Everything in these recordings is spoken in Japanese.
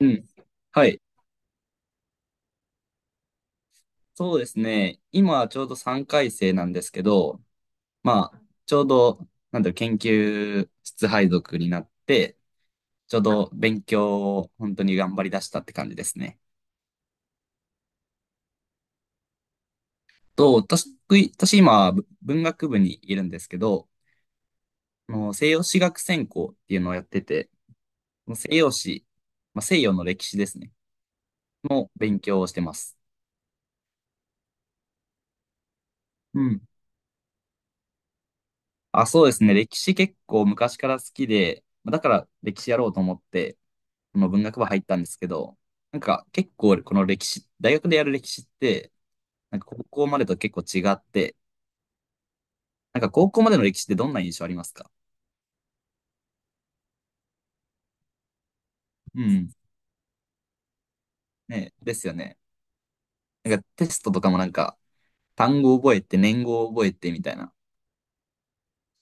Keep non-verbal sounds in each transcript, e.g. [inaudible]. うん。はい。そうですね。今ちょうど3回生なんですけど、まあ、ちょうど、なんだろう、研究室配属になって、ちょうど勉強を本当に頑張り出したって感じですね。と、私、私今、文学部にいるんですけど、あの西洋史学専攻っていうのをやってて、西洋史、まあ、西洋の歴史ですね、の勉強をしてます。うん。あ、そうですね。歴史結構昔から好きで、だから歴史やろうと思って、まあ、文学部入ったんですけど、なんか結構この歴史、大学でやる歴史って、なんか高校までと結構違って、なんか高校までの歴史ってどんな印象ありますか？うん。ね、ですよね。なんかテストとかもなんか単語覚えて、年号覚えてみたいな、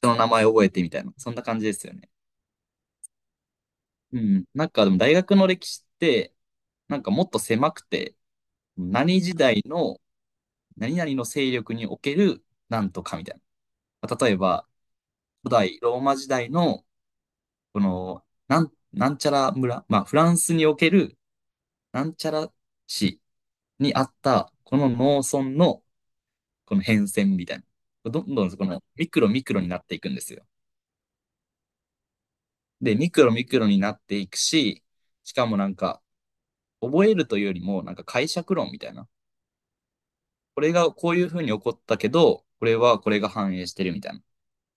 人の名前覚えてみたいな、そんな感じですよね。うん。なんかでも大学の歴史って、なんかもっと狭くて、何時代の何々の勢力におけるなんとかみたいな。例えば、古代ローマ時代のこの、なんちゃら村、まあ、フランスにおける、なんちゃら市にあった、この農村の、この変遷みたいな。どんどん、この、ミクロミクロになっていくんですよ。で、ミクロミクロになっていくし、しかもなんか、覚えるというよりも、なんか解釈論みたいな。これがこういうふうに起こったけど、これはこれが反映してるみたいな。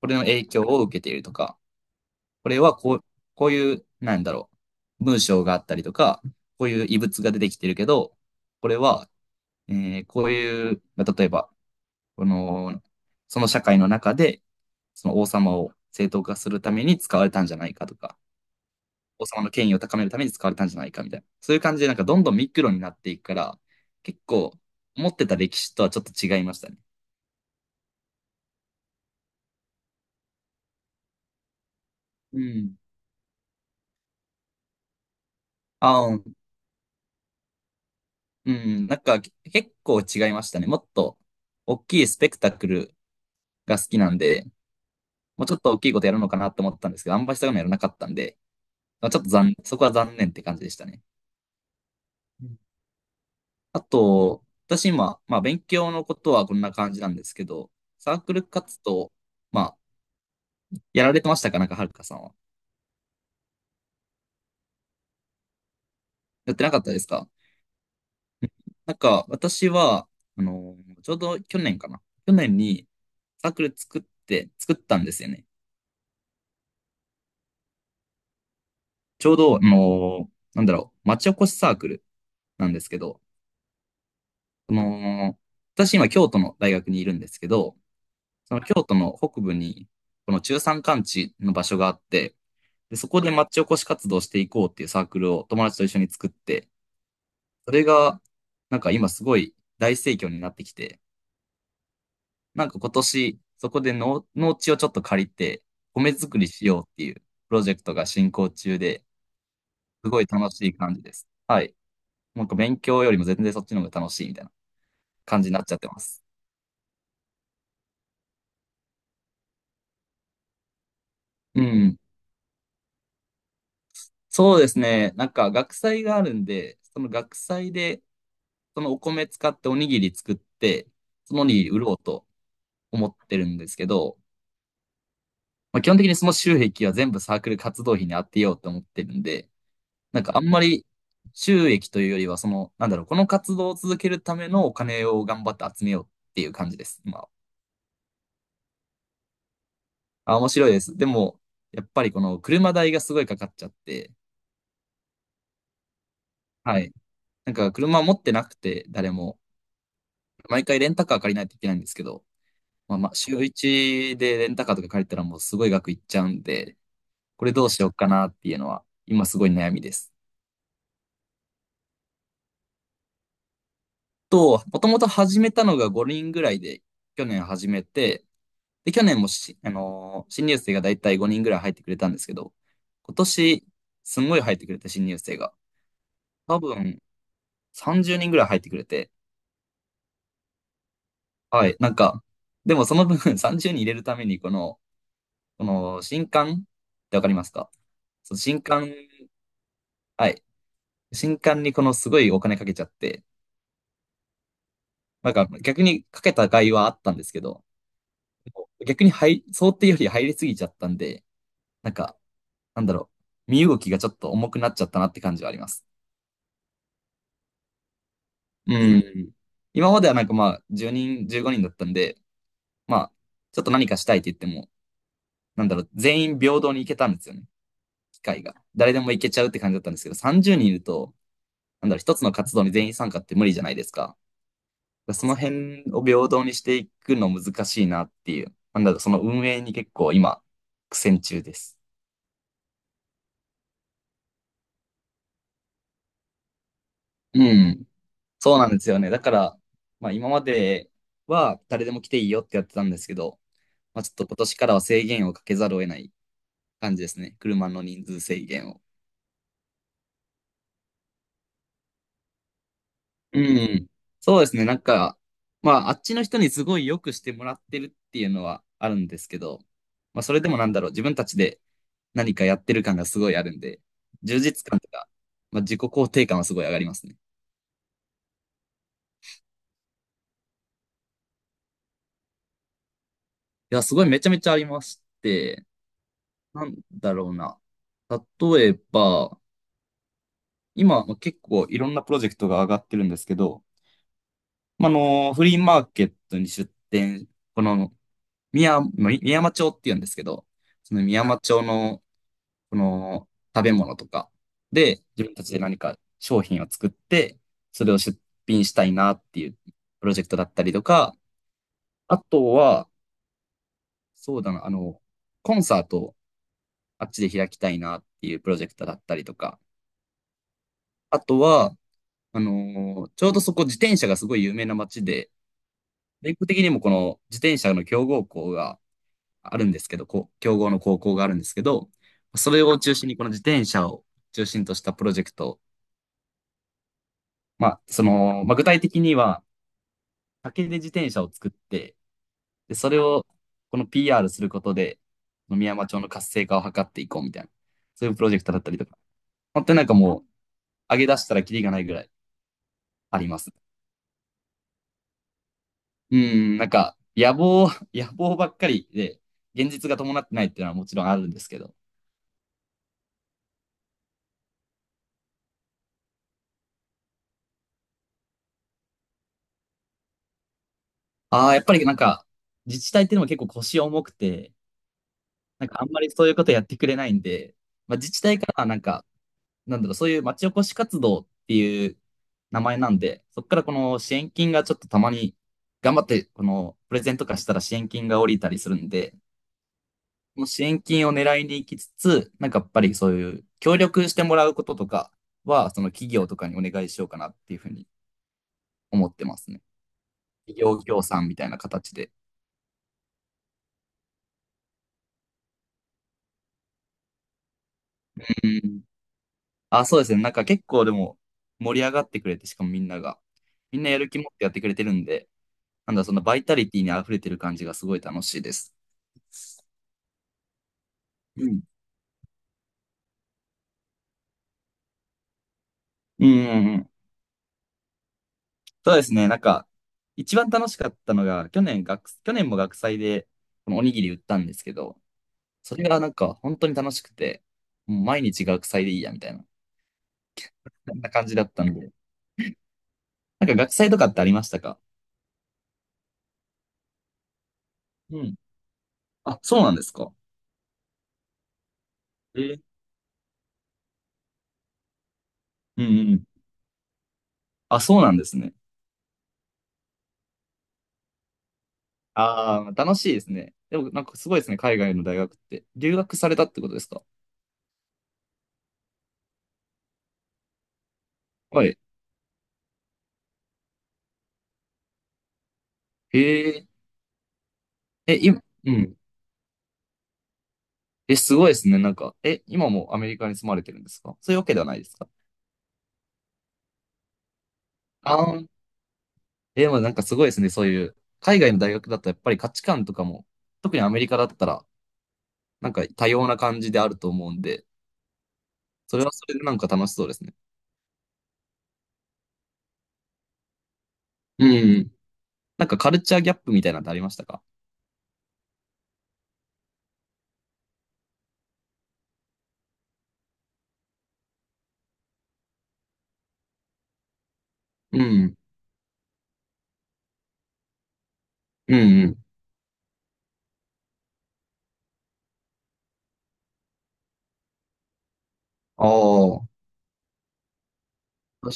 これの影響を受けているとか。これはこう、こういう、なんだろう、文章があったりとか、こういう異物が出てきてるけど、これは、えこういう、例えば、この、その社会の中で、その王様を正当化するために使われたんじゃないかとか、王様の権威を高めるために使われたんじゃないかみたいな。そういう感じで、なんかどんどんミクロになっていくから、結構、思ってた歴史とはちょっと違いましたね。うん。あー、うん、なんか結構違いましたね。もっと大きいスペクタクルが好きなんで、もうちょっと大きいことやるのかなと思ったんですけど、あんまりそういやらなかったんで、まあちょっとそこは残念って感じでしたね。うん。あと、私今、まあ勉強のことはこんな感じなんですけど、サークル活動、まあ、やられてましたかなんか、はるかさんは？やってなかったですか？うん。なんか、私は、ちょうど去年かな。去年にサークル作ったんですよね。ちょうど、なんだろう、町おこしサークルなんですけど、その、私今京都の大学にいるんですけど、その京都の北部に、この中山間地の場所があって、で、そこで町おこし活動していこうっていうサークルを友達と一緒に作って、それが、なんか今すごい大盛況になってきて、なんか今年、そこで農地をちょっと借りて、米作りしようっていうプロジェクトが進行中で、すごい楽しい感じです。はい。なんか勉強よりも全然そっちの方が楽しいみたいな感じになっちゃってます。うん。そうですね。なんか学祭があるんで、その学祭でそのお米使っておにぎり作って、そのおにぎり売ろうと思ってるんですけど、まあ、基本的にその収益は全部サークル活動費に当てようと思ってるんで、なんかあんまり収益というよりは、その、なんだろう、この活動を続けるためのお金を頑張って集めようっていう感じです、今は。あ、面白いです。でも、やっぱりこの車代がすごいかかっちゃって、はい。なんか車持ってなくて、誰も、毎回レンタカー借りないといけないんですけど、まあまあ、週一でレンタカーとか借りたらもうすごい額いっちゃうんで、これどうしようかなっていうのは、今すごい悩みです。もともと始めたのが5人ぐらいで、去年始めて、で、去年新入生がだいたい5人ぐらい入ってくれたんですけど、今年、すんごい入ってくれた新入生が、多分30人ぐらい入ってくれて、はい、なんか、でもその分 [laughs] 30人入れるために、この新刊ってわかりますか？その新刊、はい、新刊にこのすごいお金かけちゃって、なんか逆にかけた甲斐はあったんですけど、逆に入、想定より入りすぎちゃったんで、なんか、なんだろう、身動きがちょっと重くなっちゃったなって感じはあります。うん。今まではなんかまあ、10人、15人だったんで、まあ、ちょっと何かしたいって言っても、なんだろう、全員平等に行けたんですよね、機会が。誰でも行けちゃうって感じだったんですけど、30人いると、なんだろう、一つの活動に全員参加って無理じゃないですか。その辺を平等にしていくの難しいなっていう、なんだろう、その運営に結構今、苦戦中です。うん。そうなんですよね。だから、まあ、今までは誰でも来ていいよってやってたんですけど、まあ、ちょっと今年からは制限をかけざるを得ない感じですね。車の人数制限を。うん。そうですね。なんか、まあ、あっちの人にすごい良くしてもらってるっていうのはあるんですけど、まあ、それでもなんだろう、自分たちで何かやってる感がすごいあるんで、充実感とか、まあ、自己肯定感はすごい上がりますね。いや、すごいめちゃめちゃありまして、なんだろうな。例えば、今、まあ結構いろんなプロジェクトが上がってるんですけど、まあ、フリーマーケットに出店、この宮、まあみ宮山町って言うんですけど、その宮山町の、この食べ物とかで、自分たちで何か商品を作って、それを出品したいなっていうプロジェクトだったりとか、あとは、そうだな、コンサートをあっちで開きたいなっていうプロジェクトだったりとか、あとは、ちょうどそこ自転車がすごい有名な街で、全国的にもこの自転車の強豪校があるんですけど、こう強豪の高校があるんですけど、それを中心にこの自転車を中心としたプロジェクト、まあ、その、まあ、具体的には竹で自転車を作って、で、それをこの PR することで、宮山町の活性化を図っていこうみたいな、そういうプロジェクトだったりとか、本当になんかもう上げ出したらキリがないぐらいあります。うん、なんか野望、[laughs] 野望ばっかりで、現実が伴ってないっていうのはもちろんあるんですけど、ああ、やっぱりなんか、自治体っていうのも結構腰重くて、なんかあんまりそういうことやってくれないんで、まあ、自治体からはなんか、なんだろう、そういう町おこし活動っていう名前なんで、そこからこの支援金がちょっとたまに、頑張って、このプレゼント化したら支援金が降りたりするんで、この支援金を狙いに行きつつ、なんかやっぱりそういう協力してもらうこととかは、その企業とかにお願いしようかなっていうふうに思ってますね。企業協賛みたいな形で。うん。あ、そうですね。なんか結構でも盛り上がってくれて、しかもみんなが。みんなやる気持ってやってくれてるんで、なんだ、そのバイタリティに溢れてる感じがすごい楽しいです。うん。うんうんうん。そうですね。なんか、一番楽しかったのが、去年も学祭で、このおにぎり売ったんですけど、それがなんか本当に楽しくて、もう毎日学祭でいいや、みたいな、そんな感じだったんで。なんか学祭とかってありましたか？うん。あ、そうなんですか。えーうんうんうん。あ、そうなんですね。ああ、楽しいですね。でも、なんかすごいですね、海外の大学って。留学されたってことですか？はい。へえ、え、今、うん。え、すごいですね、なんか。え、今もアメリカに住まれてるんですか？そういうわけではないですか？ああー、え、まあなんかすごいですね、そういう、海外の大学だとやっぱり価値観とかも、特にアメリカだったら、なんか多様な感じであると思うんで、それはそれでなんか楽しそうですね。うん。なんかカルチャーギャップみたいなのってありましたか？うん。うんうん。ああ。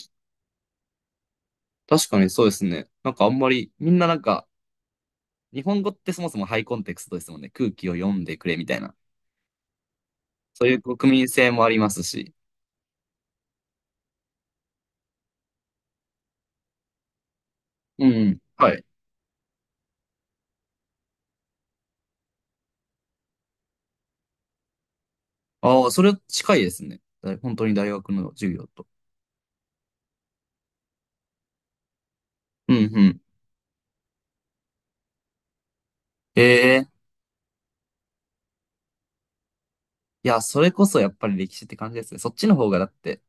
確かにそうですね。なんかあんまり、みんななんか、日本語ってそもそもハイコンテクストですもんね。空気を読んでくれみたいな。そういう国民性もありますし。うん。はい。ああ、それ近いですね。だ本当に大学の授業と。うんうん。ええ。いや、それこそやっぱり歴史って感じですね。そっちの方がだって、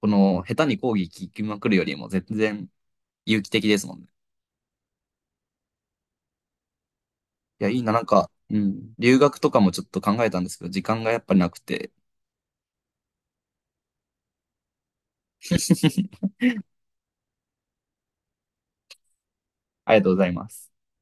この下手に講義聞きまくるよりも全然有機的ですもんね。いや、いいな、なんか、うん。留学とかもちょっと考えたんですけど、時間がやっぱりなくて。[laughs] ありがとうございます。